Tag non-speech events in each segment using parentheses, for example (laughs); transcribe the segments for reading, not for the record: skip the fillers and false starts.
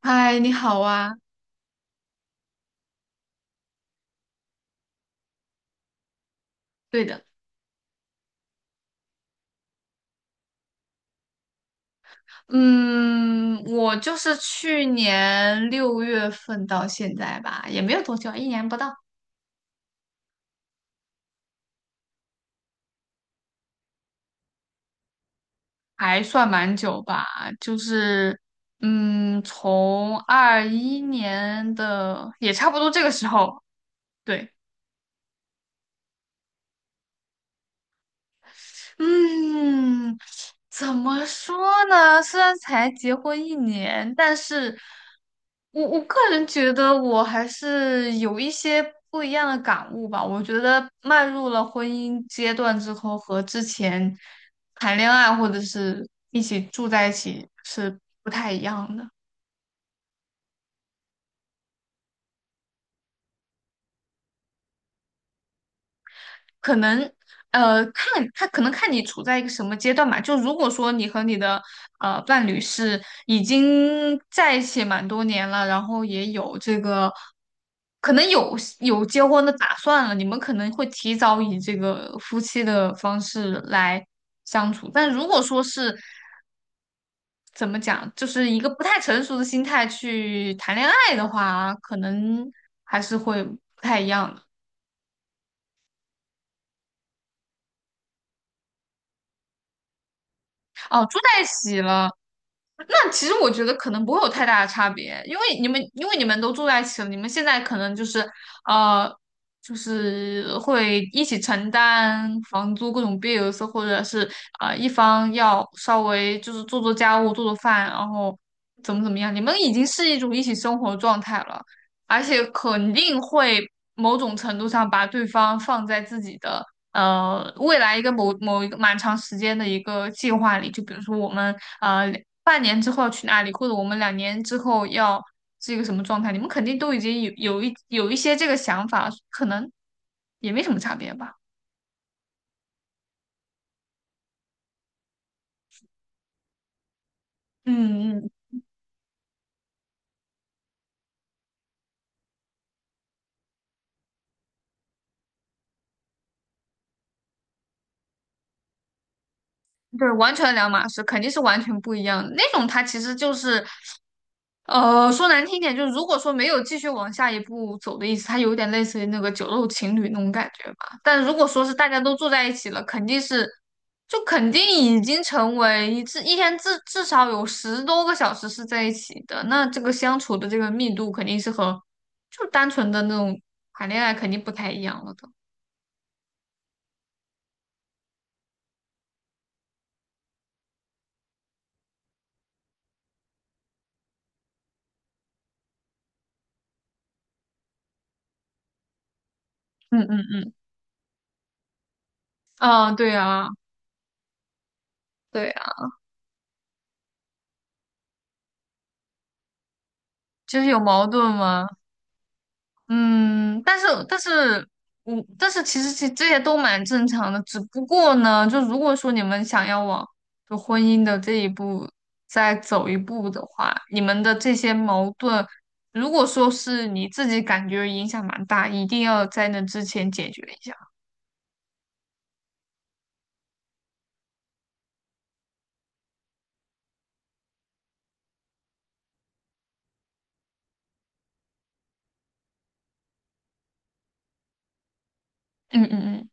嗨，你好啊。对的，嗯，我就是去年六月份到现在吧，也没有多久，一年不到，还算蛮久吧。就是，从二一年的也差不多这个时候，对。嗯，怎么说呢？虽然才结婚一年，但是我个人觉得我还是有一些不一样的感悟吧。我觉得迈入了婚姻阶段之后，和之前谈恋爱或者是一起住在一起是不太一样的。可能看他可能看你处在一个什么阶段吧。就如果说你和你的伴侣是已经在一起蛮多年了，然后也有这个可能有结婚的打算了，你们可能会提早以这个夫妻的方式来相处。但如果说是怎么讲，就是一个不太成熟的心态去谈恋爱的话，可能还是会不太一样的。哦，住在一起了。那其实我觉得可能不会有太大的差别，因为你们都住在一起了，你们现在可能就是呃，就是会一起承担房租各种 bills，或者是一方要稍微就是做做家务、做做饭，然后怎么怎么样，你们已经是一种一起生活的状态了，而且肯定会某种程度上把对方放在自己的未来一个某一个蛮长时间的一个计划里，就比如说我们呃半年之后要去哪里，或者我们两年之后要是一个什么状态，你们肯定都已经有有一有一些这个想法，可能也没什么差别吧。嗯嗯。对，完全两码事，肯定是完全不一样的。那种它其实就是，说难听一点，就是如果说没有继续往下一步走的意思，它有点类似于那个酒肉情侣那种感觉吧。但如果说是大家都住在一起了，肯定是，就肯定已经成为一天至少有十多个小时是在一起的，那这个相处的这个密度肯定是和就单纯的那种谈恋爱肯定不太一样了的。嗯嗯，啊，对啊，对啊，就是有矛盾吗？嗯，但是但是，但是,其实这些都蛮正常的，只不过呢，就如果说你们想要往就婚姻的这一步再走一步的话，你们的这些矛盾，如果说是你自己感觉影响蛮大，一定要在那之前解决一下。嗯嗯嗯。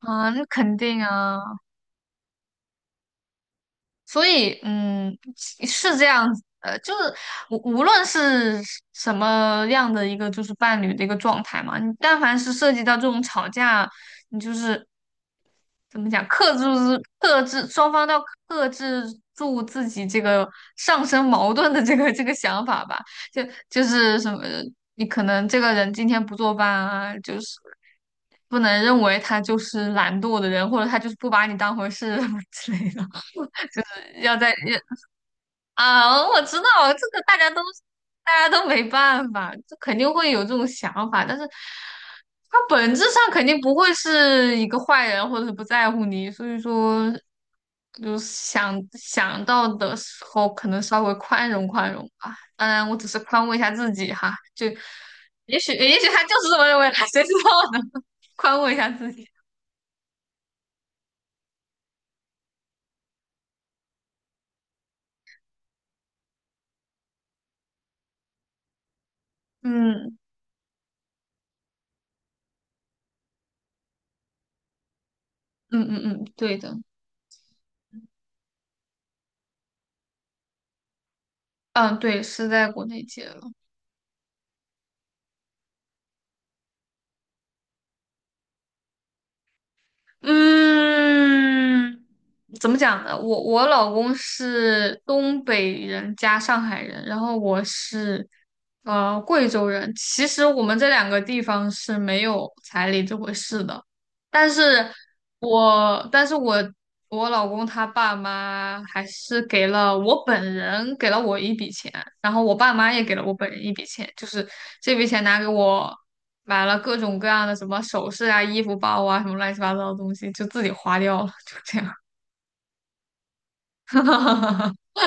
啊，那肯定啊。所以，嗯，是是这样子的，就是无论是什么样的一个就是伴侣的一个状态嘛，你但凡是涉及到这种吵架，你就是怎么讲，克制双方都要克制住自己这个上升矛盾的这个这个想法吧。就就是什么，你可能这个人今天不做饭啊，就是。不能认为他就是懒惰的人，或者他就是不把你当回事 (laughs) 之类的，要在要。啊，我知道这个大家都没办法，这肯定会有这种想法，但是他本质上肯定不会是一个坏人，或者是不在乎你，所以说就是想到的时候，可能稍微宽容宽容吧。当然，我只是宽慰一下自己哈，就也许他就是这么认为的，谁知道呢？(laughs) 宽慰一下自己。嗯嗯嗯嗯，对的。嗯，对，是在国内结。嗯，怎么讲呢？我我老公是东北人加上海人，然后我是贵州人。其实我们这两个地方是没有彩礼这回事的。但是但是我老公他爸妈还是给了我一笔钱，然后我爸妈也给了我本人一笔钱，就是这笔钱拿给我买了各种各样的什么首饰啊、衣服、包啊什么乱七八糟的东西，就自己花掉了，就这样。(laughs)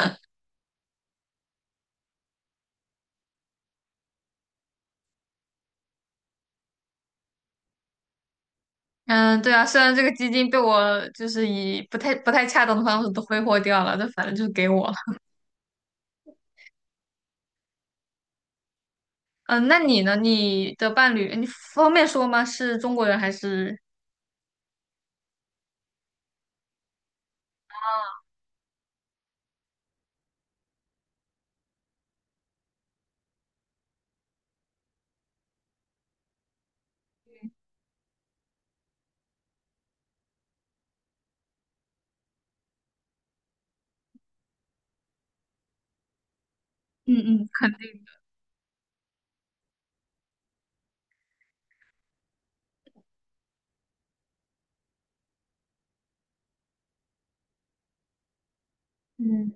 嗯，对啊，虽然这个基金被我就是以不太恰当的方式都挥霍掉了，但反正就是给我了。嗯，那你呢？你的伴侣，你方便说吗？是中国人还是嗯嗯，肯定。嗯，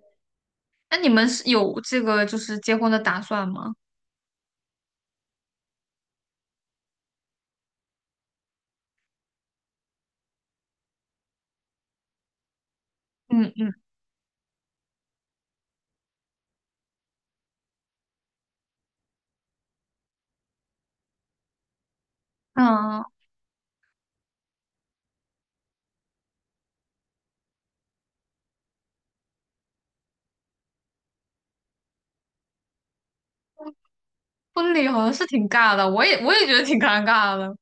那你们是有这个就是结婚的打算吗？嗯嗯。嗯，婚礼好像是挺尬的，我也觉得挺尴尬的。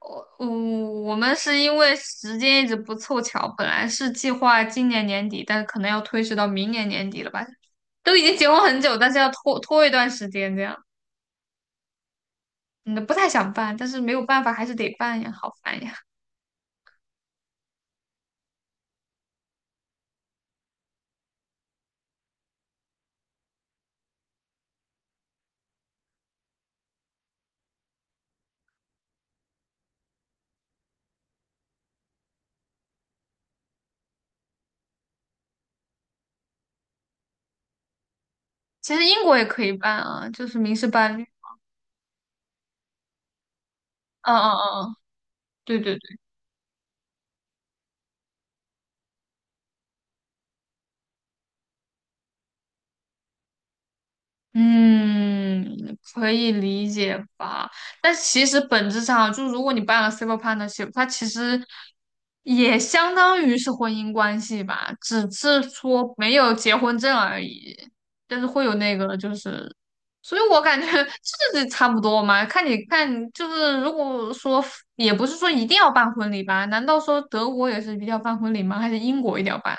我我们是因为时间一直不凑巧，本来是计划今年年底，但是可能要推迟到明年年底了吧？都已经结婚很久，但是要拖一段时间这样。嗯，不太想办，但是没有办法，还是得办呀，好烦呀。其实英国也可以办啊，就是民事伴侣。嗯嗯嗯嗯，对对。嗯，可以理解吧？但其实本质上，就如果你办了 civil partnership，它其实也相当于是婚姻关系吧，只是说没有结婚证而已。但是会有那个，就是，所以我感觉 (laughs) 这差不多嘛。看你看，就是如果说也不是说一定要办婚礼吧？难道说德国也是一定要办婚礼吗？还是英国一定要办？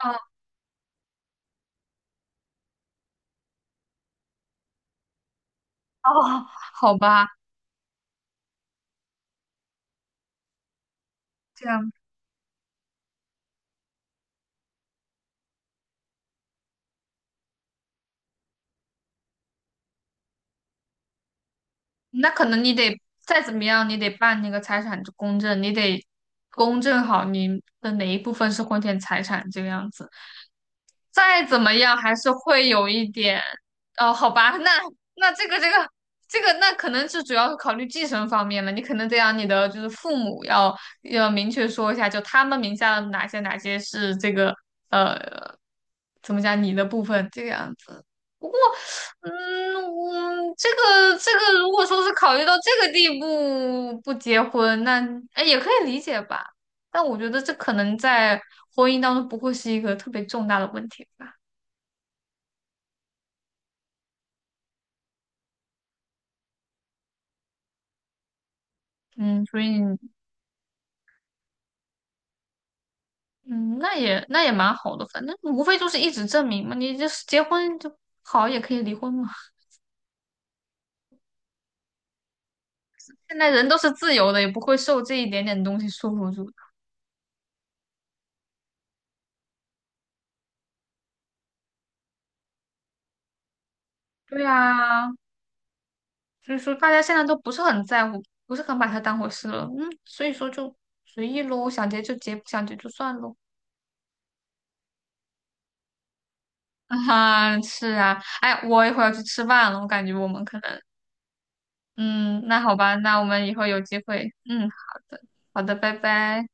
哦，(laughs) 好吧，这样。那可能你得再怎么样，你得办那个财产公证，你得公证好你的哪一部分是婚前财产这个样子。再怎么样，还是会有一点，哦，好吧。那，那可能是主要是考虑继承方面了。你可能得让你的就是父母要要明确说一下，就他们名下的哪些哪些是这个呃，怎么讲你的部分这个样子。不过。嗯，我这个这个，如果说是考虑到这个地步不结婚，那哎也可以理解吧。但我觉得这可能在婚姻当中不会是一个特别重大的问题吧。嗯，所以嗯，那也蛮好的，反正无非就是一纸证明嘛，你就是结婚就好，也可以离婚嘛。现在人都是自由的，也不会受这一点点东西束缚住的。对啊，所以说大家现在都不是很在乎，不是很把它当回事了。嗯，所以说就随意喽，想结就结，不想结就算喽。(laughs) 啊哈，是啊，哎，我一会儿要去吃饭了，我感觉我们可能，嗯，那好吧，那我们以后有机会，嗯，好的，好的，拜拜。